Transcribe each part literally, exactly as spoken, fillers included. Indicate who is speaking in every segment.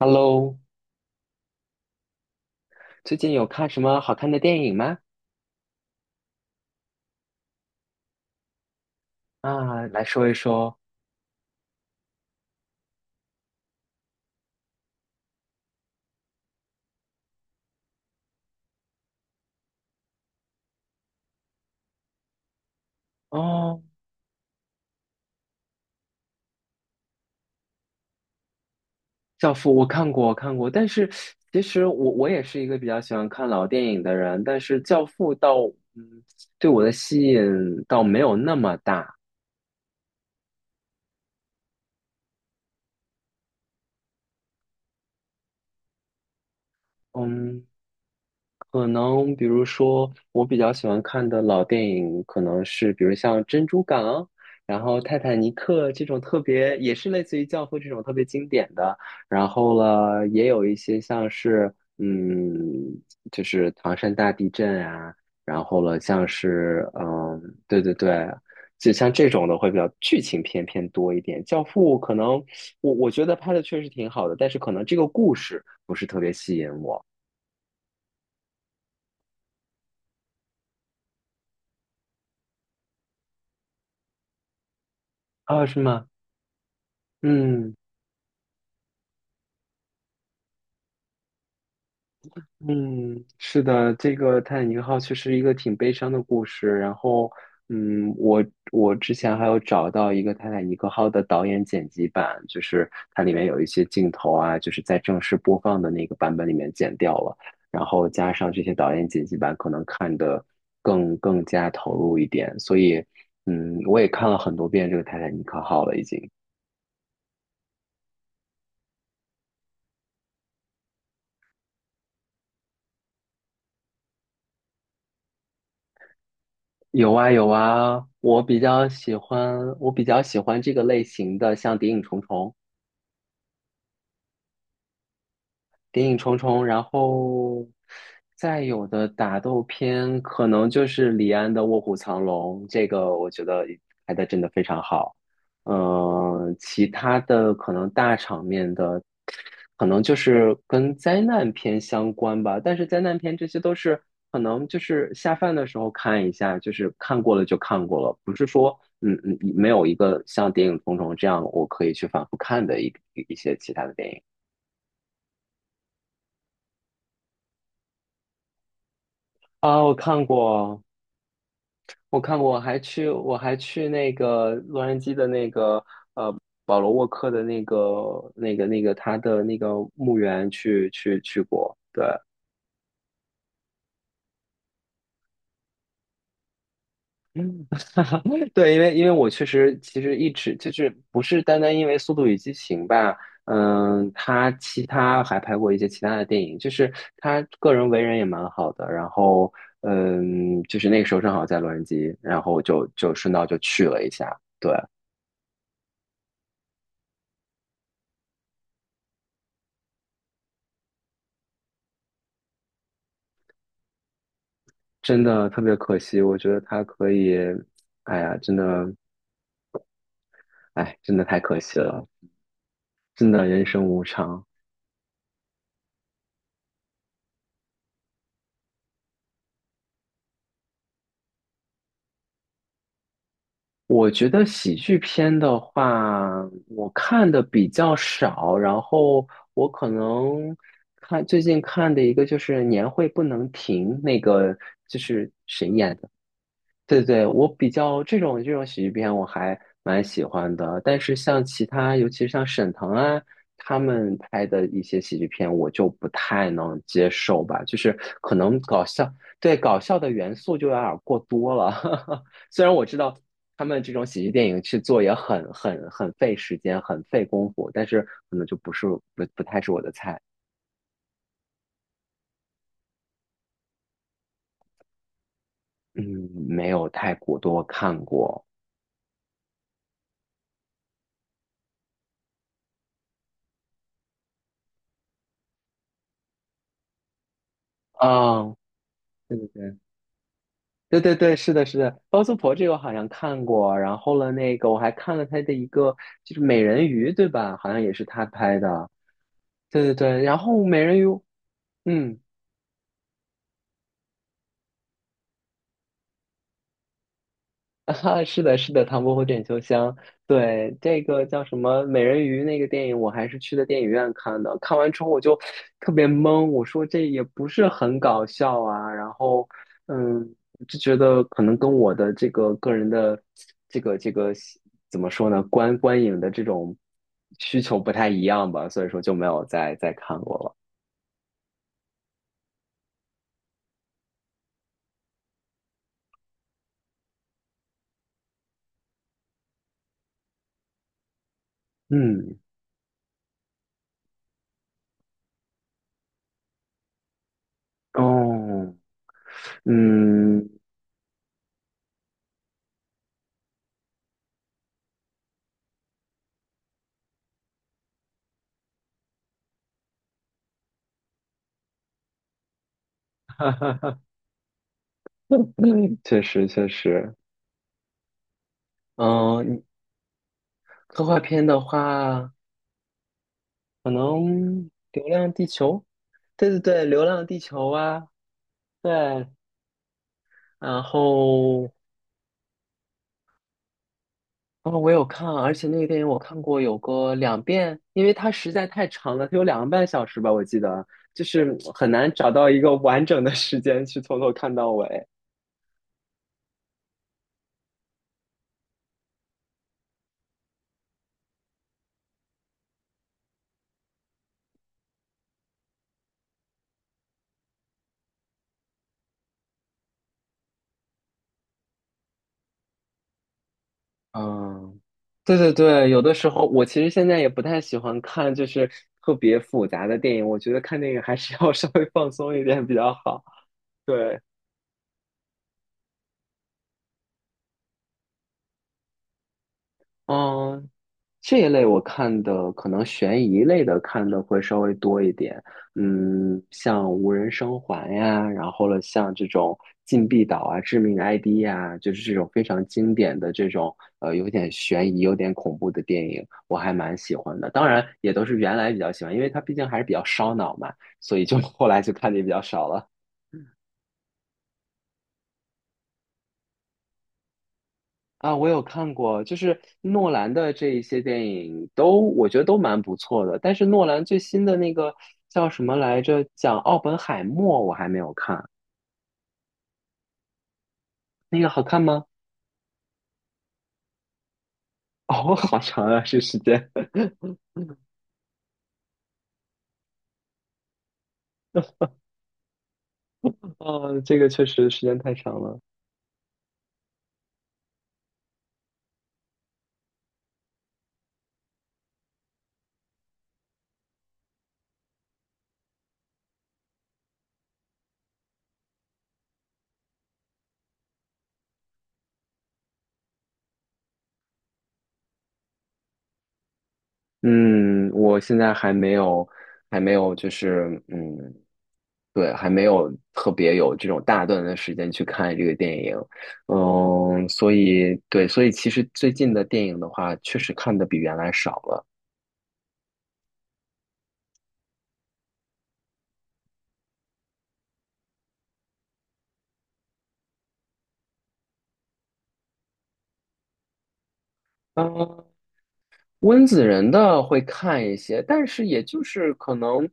Speaker 1: Hello，最近有看什么好看的电影吗？啊，来说一说。哦，《教父》我看过，我看过，但是其实我我也是一个比较喜欢看老电影的人，但是《教父》倒对我的吸引倒没有那么大。嗯，可能比如说，我比较喜欢看的老电影，可能是比如像《珍珠港》，然后《泰坦尼克》这种特别，也是类似于《教父》这种特别经典的。然后了，也有一些像是，嗯，就是唐山大地震啊，然后了，像是，嗯，对对对，就像这种的会比较剧情片偏多一点。《教父》可能我我觉得拍的确实挺好的，但是可能这个故事不是特别吸引我。啊，是吗？嗯嗯，是的，这个《泰坦尼克号》确实一个挺悲伤的故事。然后，嗯，我我之前还有找到一个《泰坦尼克号》的导演剪辑版，就是它里面有一些镜头啊，就是在正式播放的那个版本里面剪掉了，然后加上这些导演剪辑版，可能看得更更加投入一点。所以，嗯，我也看了很多遍这个《泰坦尼克号》了，已经。有啊有啊，我比较喜欢我比较喜欢这个类型的，像《谍影重重》。谍影重重，然后再有的打斗片可能就是李安的《卧虎藏龙》，这个我觉得拍的真的非常好。嗯、其他的可能大场面的，可能就是跟灾难片相关吧。但是灾难片这些都是可能就是下饭的时候看一下，就是看过了就看过了，不是说嗯嗯没有一个像《谍影重重》这样我可以去反复看的一一些其他的电影。啊，我看过，我看过，我还去，我还去那个洛杉矶的那个呃保罗沃克的那个那个那个他的那个墓园去去去过。嗯 对，因为因为我确实其实一直就是不是单单因为《速度与激情》吧，嗯，他其他还拍过一些其他的电影，就是他个人为人也蛮好的，然后嗯，就是那个时候正好在洛杉矶，然后就就顺道就去了一下，对。真的特别可惜，我觉得他可以，哎呀，真的，哎，真的太可惜了，真的人生无常。我觉得喜剧片的话，我看的比较少，然后我可能看最近看的一个就是《年会不能停》，那个就是对对，我比较这种这种喜剧片我还蛮喜欢的，但是像其他，尤其是像沈腾啊他们拍的一些喜剧片，我就不太能接受吧，就是可能搞笑，对搞笑的元素就有点儿过多了。虽然我知道他们这种喜剧电影去做也很很很费时间，很费功夫，但是可能就不是不不太是我的菜，嗯，没有太过多看过啊，对对对。对对对，是的，是的，包租婆这个我好像看过，然后了那个我还看了他的一个就是美人鱼，对吧？好像也是他拍的。对对对，然后美人鱼，嗯，啊，是的，是的，《唐伯虎点秋香》对这个叫什么美人鱼那个电影，我还是去的电影院看的。看完之后我就特别懵，我说这也不是很搞笑啊。然后，嗯，就觉得可能跟我的这个个人的这个这个怎么说呢，观观影的这种需求不太一样吧，所以说就没有再再看过了。嗯，哦，嗯，确实确实，嗯，科幻片的话，可能《流浪地球》，对对对，《流浪地球》啊，对，然后，然后我有看，而且那个电影我看过有个两遍，因为它实在太长了，它有两个半小时吧，我记得，就是很难找到一个完整的时间去从头看到尾。嗯，对对对，有的时候我其实现在也不太喜欢看，就是特别复杂的电影，我觉得看电影还是要 稍微放松一点比较好。对。嗯，这一类我看的可能悬疑类的看的会稍微多一点，嗯，像无人生还呀，然后了像这种禁闭岛啊、致命 I D 呀，就是这种非常经典的这种呃有点悬疑、有点恐怖的电影，我还蛮喜欢的。当然也都是原来比较喜欢，因为它毕竟还是比较烧脑嘛，所以就后来就看的也比较少了。啊，我有看过，就是诺兰的这一些电影都，我觉得都蛮不错的。但是诺兰最新的那个叫什么来着？讲奥本海默，我还没有看，那个好看吗？哦，好长啊，这时间。哦，这个确实时间太长了。嗯，我现在还没有，还没有，就是嗯，对，还没有特别有这种大段的时间去看这个电影，嗯，所以对，所以其实最近的电影的话，确实看的比原来少了。嗯，温子仁的会看一些，但是也就是可能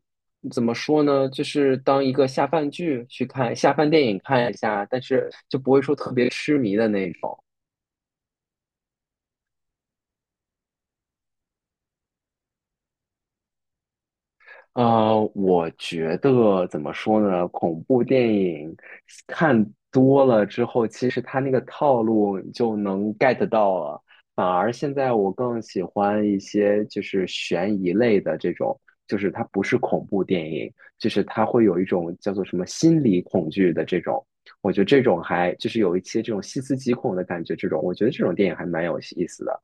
Speaker 1: 怎么说呢，就是当一个下饭剧去看，下饭电影看一下，但是就不会说特别痴迷的那种。呃，我觉得怎么说呢？恐怖电影看多了之后，其实它那个套路你就能 get 到了。反而现在我更喜欢一些就是悬疑类的这种，就是它不是恐怖电影，就是它会有一种叫做什么心理恐惧的这种。我觉得这种还就是有一些这种细思极恐的感觉，这种我觉得这种电影还蛮有意思的。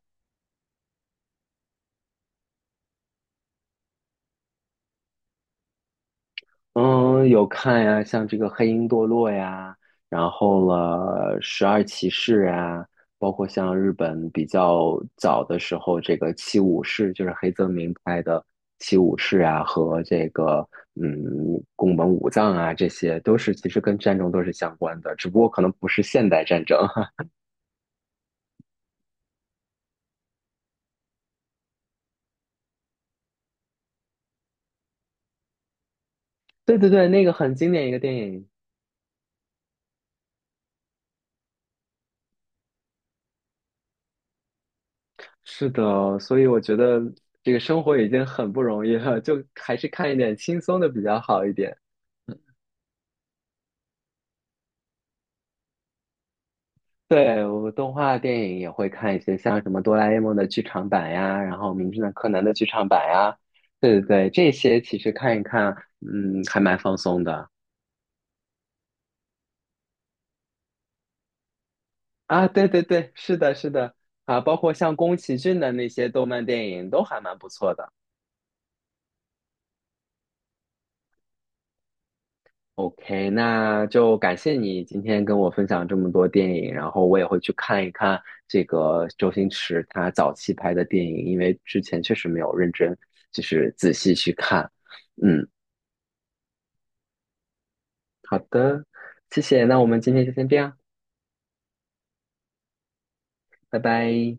Speaker 1: 嗯，有看呀，像这个《黑鹰堕落》呀，然后了《十二骑士》啊，包括像日本比较早的时候，这个《七武士》就是黑泽明拍的《七武士》啊，和这个嗯宫本武藏啊，这些都是其实跟战争都是相关的，只不过可能不是现代战争。对对对，那个很经典一个电影。是的，所以我觉得这个生活已经很不容易了，就还是看一点轻松的比较好一点。对，我动画电影也会看一些，像什么哆啦 A 梦的剧场版呀，然后名侦探柯南的剧场版呀，对对对，这些其实看一看，嗯，还蛮放松的啊。对对对，是的，是的啊，包括像宫崎骏的那些动漫电影都还蛮不错的。OK，那就感谢你今天跟我分享这么多电影，然后我也会去看一看这个周星驰他早期拍的电影，因为之前确实没有认真，就是仔细去看。嗯。好的，谢谢，那我们今天就先这样，拜拜。